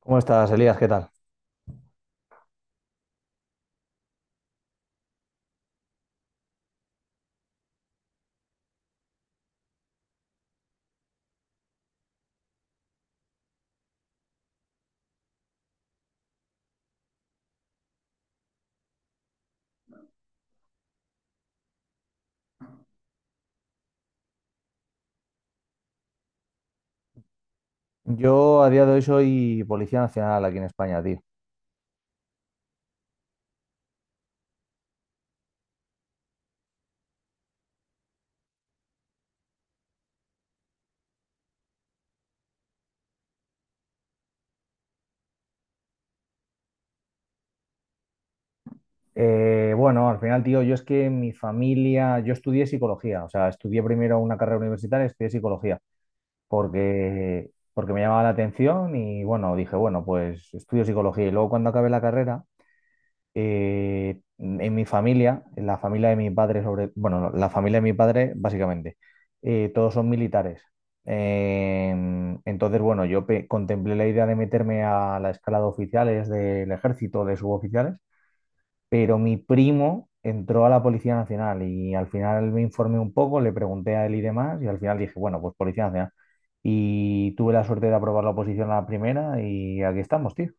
¿Cómo estás, Elías? ¿Qué tal? Yo a día de hoy soy policía nacional aquí en España, tío. Bueno, al final, tío, yo es que mi familia, yo estudié psicología, o sea, estudié primero una carrera universitaria, estudié psicología, porque me llamaba la atención y bueno, dije, bueno, pues estudio psicología y luego cuando acabé la carrera, en mi familia, en la familia de mis padres, sobre, bueno, no, la familia de mis padres básicamente, todos son militares. Entonces, bueno, contemplé la idea de meterme a la escala de oficiales del ejército, de suboficiales, pero mi primo entró a la Policía Nacional y al final me informé un poco, le pregunté a él y demás, y al final dije, bueno, pues Policía Nacional. Y tuve la suerte de aprobar la oposición a la primera y aquí estamos, tío.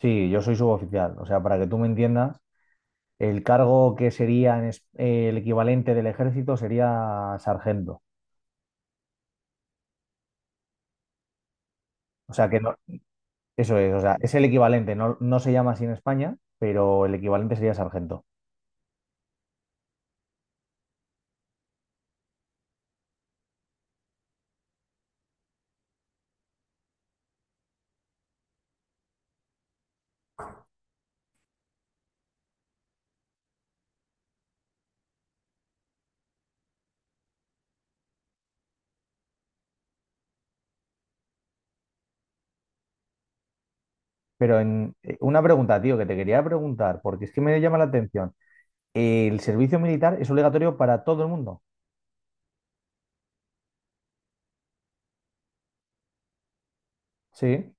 Sí, yo soy suboficial, o sea, para que tú me entiendas. El cargo que sería el equivalente del ejército sería sargento. O sea que no, eso es, o sea, es el equivalente, no, no se llama así en España, pero el equivalente sería sargento. Pero en una pregunta, tío, que te quería preguntar, porque es que me llama la atención. ¿El servicio militar es obligatorio para todo el mundo? Sí.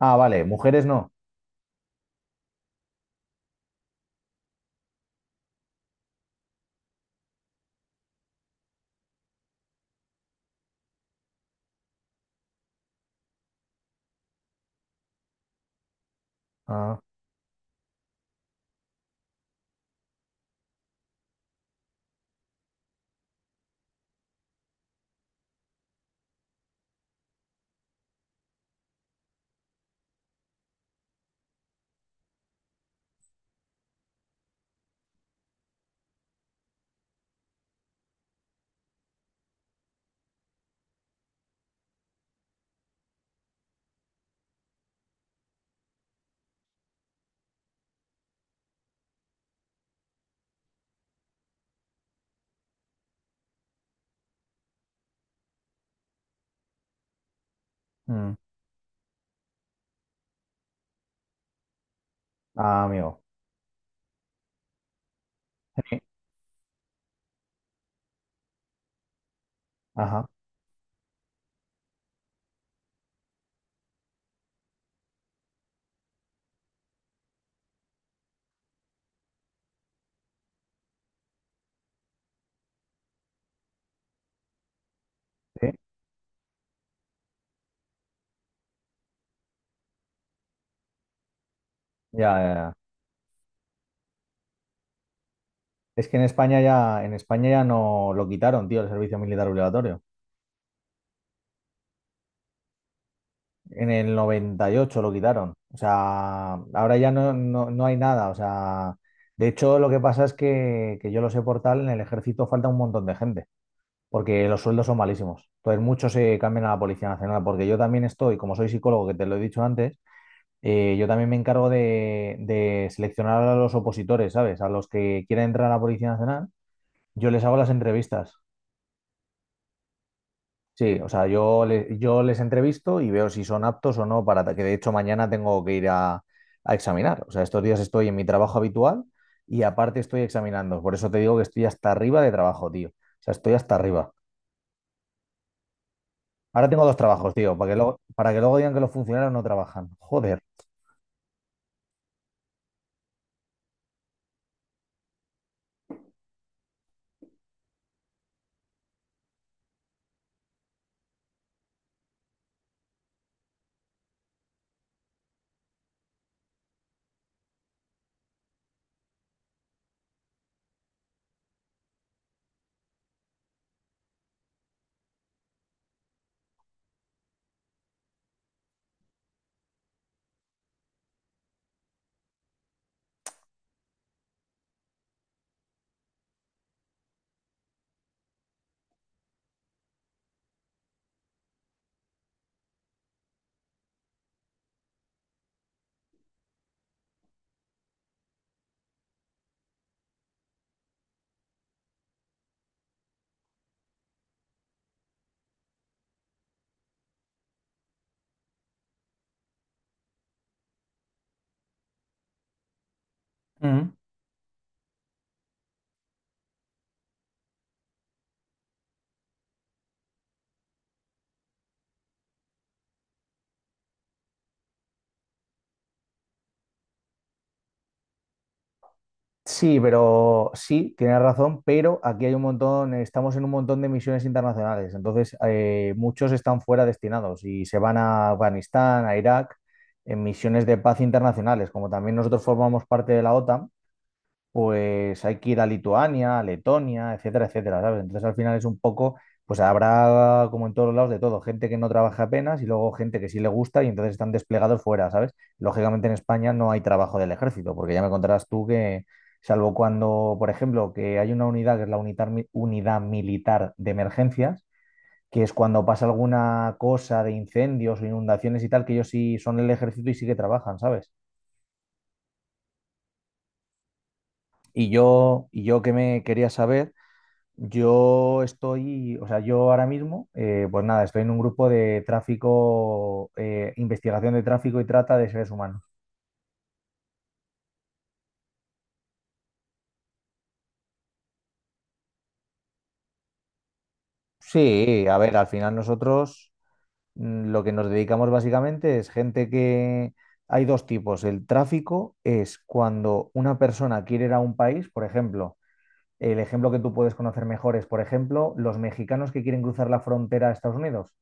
Ah, vale, mujeres no. Ah, mm. Ah, amigo. Sí. Ajá. Sí. Ya, ya, ya. Es que en España ya no lo quitaron, tío, el servicio militar obligatorio. En el 98 lo quitaron. O sea, ahora ya no, no hay nada. O sea, de hecho, lo que pasa es que yo lo sé por tal, en el ejército falta un montón de gente, porque los sueldos son malísimos. Entonces, muchos se cambian a la Policía Nacional, porque yo también estoy, como soy psicólogo, que te lo he dicho antes, yo también me encargo de seleccionar a los opositores, ¿sabes? A los que quieren entrar a la Policía Nacional, yo les hago las entrevistas. Sí, o sea, yo les entrevisto y veo si son aptos o no para que de hecho mañana tengo que ir a examinar. O sea, estos días estoy en mi trabajo habitual y aparte estoy examinando. Por eso te digo que estoy hasta arriba de trabajo, tío. O sea, estoy hasta arriba. Ahora tengo dos trabajos, tío, para que luego digan que los funcionarios no trabajan. Joder. Mm. Sí, pero sí, tienes razón, pero aquí hay un montón, estamos en un montón de misiones internacionales, entonces muchos están fuera destinados y se van a Afganistán, a Irak, en misiones de paz internacionales, como también nosotros formamos parte de la OTAN, pues hay que ir a Lituania, a Letonia, etcétera, etcétera, ¿sabes? Entonces al final es un poco, pues habrá como en todos los lados de todo, gente que no trabaja apenas y luego gente que sí le gusta y entonces están desplegados fuera, ¿sabes? Lógicamente en España no hay trabajo del ejército, porque ya me contarás tú que, salvo cuando, por ejemplo, que hay una unidad que es la unidad militar de emergencias, que es cuando pasa alguna cosa de incendios o inundaciones y tal, que ellos sí son el ejército y sí que trabajan, ¿sabes? Y yo que me quería saber. Yo estoy, o sea, yo ahora mismo, pues nada, estoy en un grupo de tráfico, investigación de tráfico y trata de seres humanos. Sí, a ver, al final nosotros lo que nos dedicamos básicamente es gente que... Hay dos tipos. El tráfico es cuando una persona quiere ir a un país, por ejemplo, el ejemplo que tú puedes conocer mejor es, por ejemplo, los mexicanos que quieren cruzar la frontera a Estados Unidos.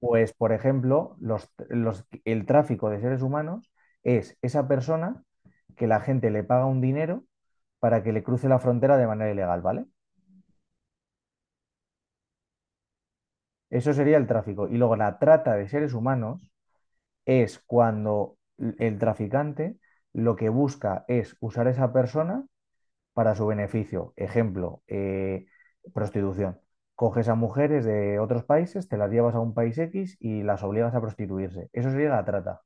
Pues, por ejemplo, el tráfico de seres humanos es esa persona que la gente le paga un dinero para que le cruce la frontera de manera ilegal, ¿vale? Eso sería el tráfico. Y luego la trata de seres humanos es cuando el traficante lo que busca es usar a esa persona para su beneficio. Ejemplo, prostitución. Coges a mujeres de otros países, te las llevas a un país X y las obligas a prostituirse. Eso sería la trata.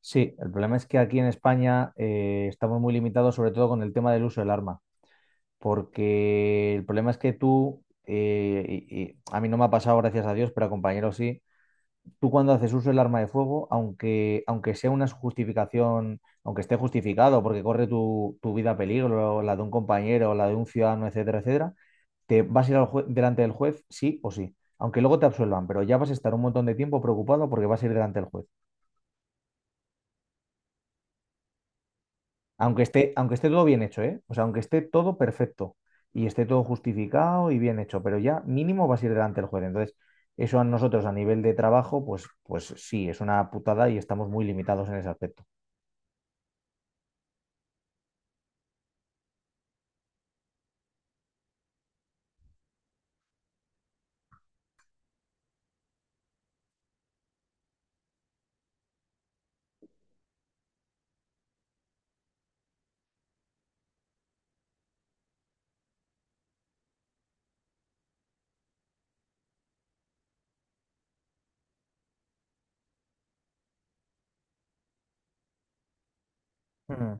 Sí, el problema es que aquí en España estamos muy limitados, sobre todo con el tema del uso del arma, porque el problema es que tú, y a mí no me ha pasado, gracias a Dios, pero a compañeros sí, tú cuando haces uso del arma de fuego, aunque sea una justificación, aunque esté justificado, porque corre tu vida a peligro, la de un compañero, la de un ciudadano, etcétera, etcétera, te vas a ir delante del juez, sí o sí, aunque luego te absuelvan, pero ya vas a estar un montón de tiempo preocupado porque vas a ir delante del juez. Aunque esté todo bien hecho, ¿eh? O sea, aunque esté todo perfecto y esté todo justificado y bien hecho, pero ya mínimo vas a ir delante del juez. Entonces, eso a nosotros a nivel de trabajo, pues, pues sí, es una putada y estamos muy limitados en ese aspecto. Mm.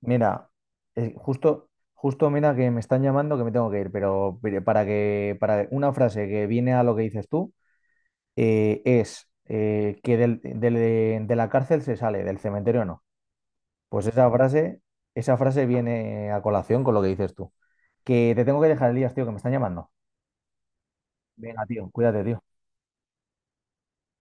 Mira, justo mira que me están llamando que me tengo que ir, pero para una frase que viene a lo que dices tú, es que de la cárcel se sale, del cementerio no. Pues esa frase viene a colación con lo que dices tú. Que te tengo que dejar, Elías, tío, que me están llamando. Venga, tío, cuídate, tío.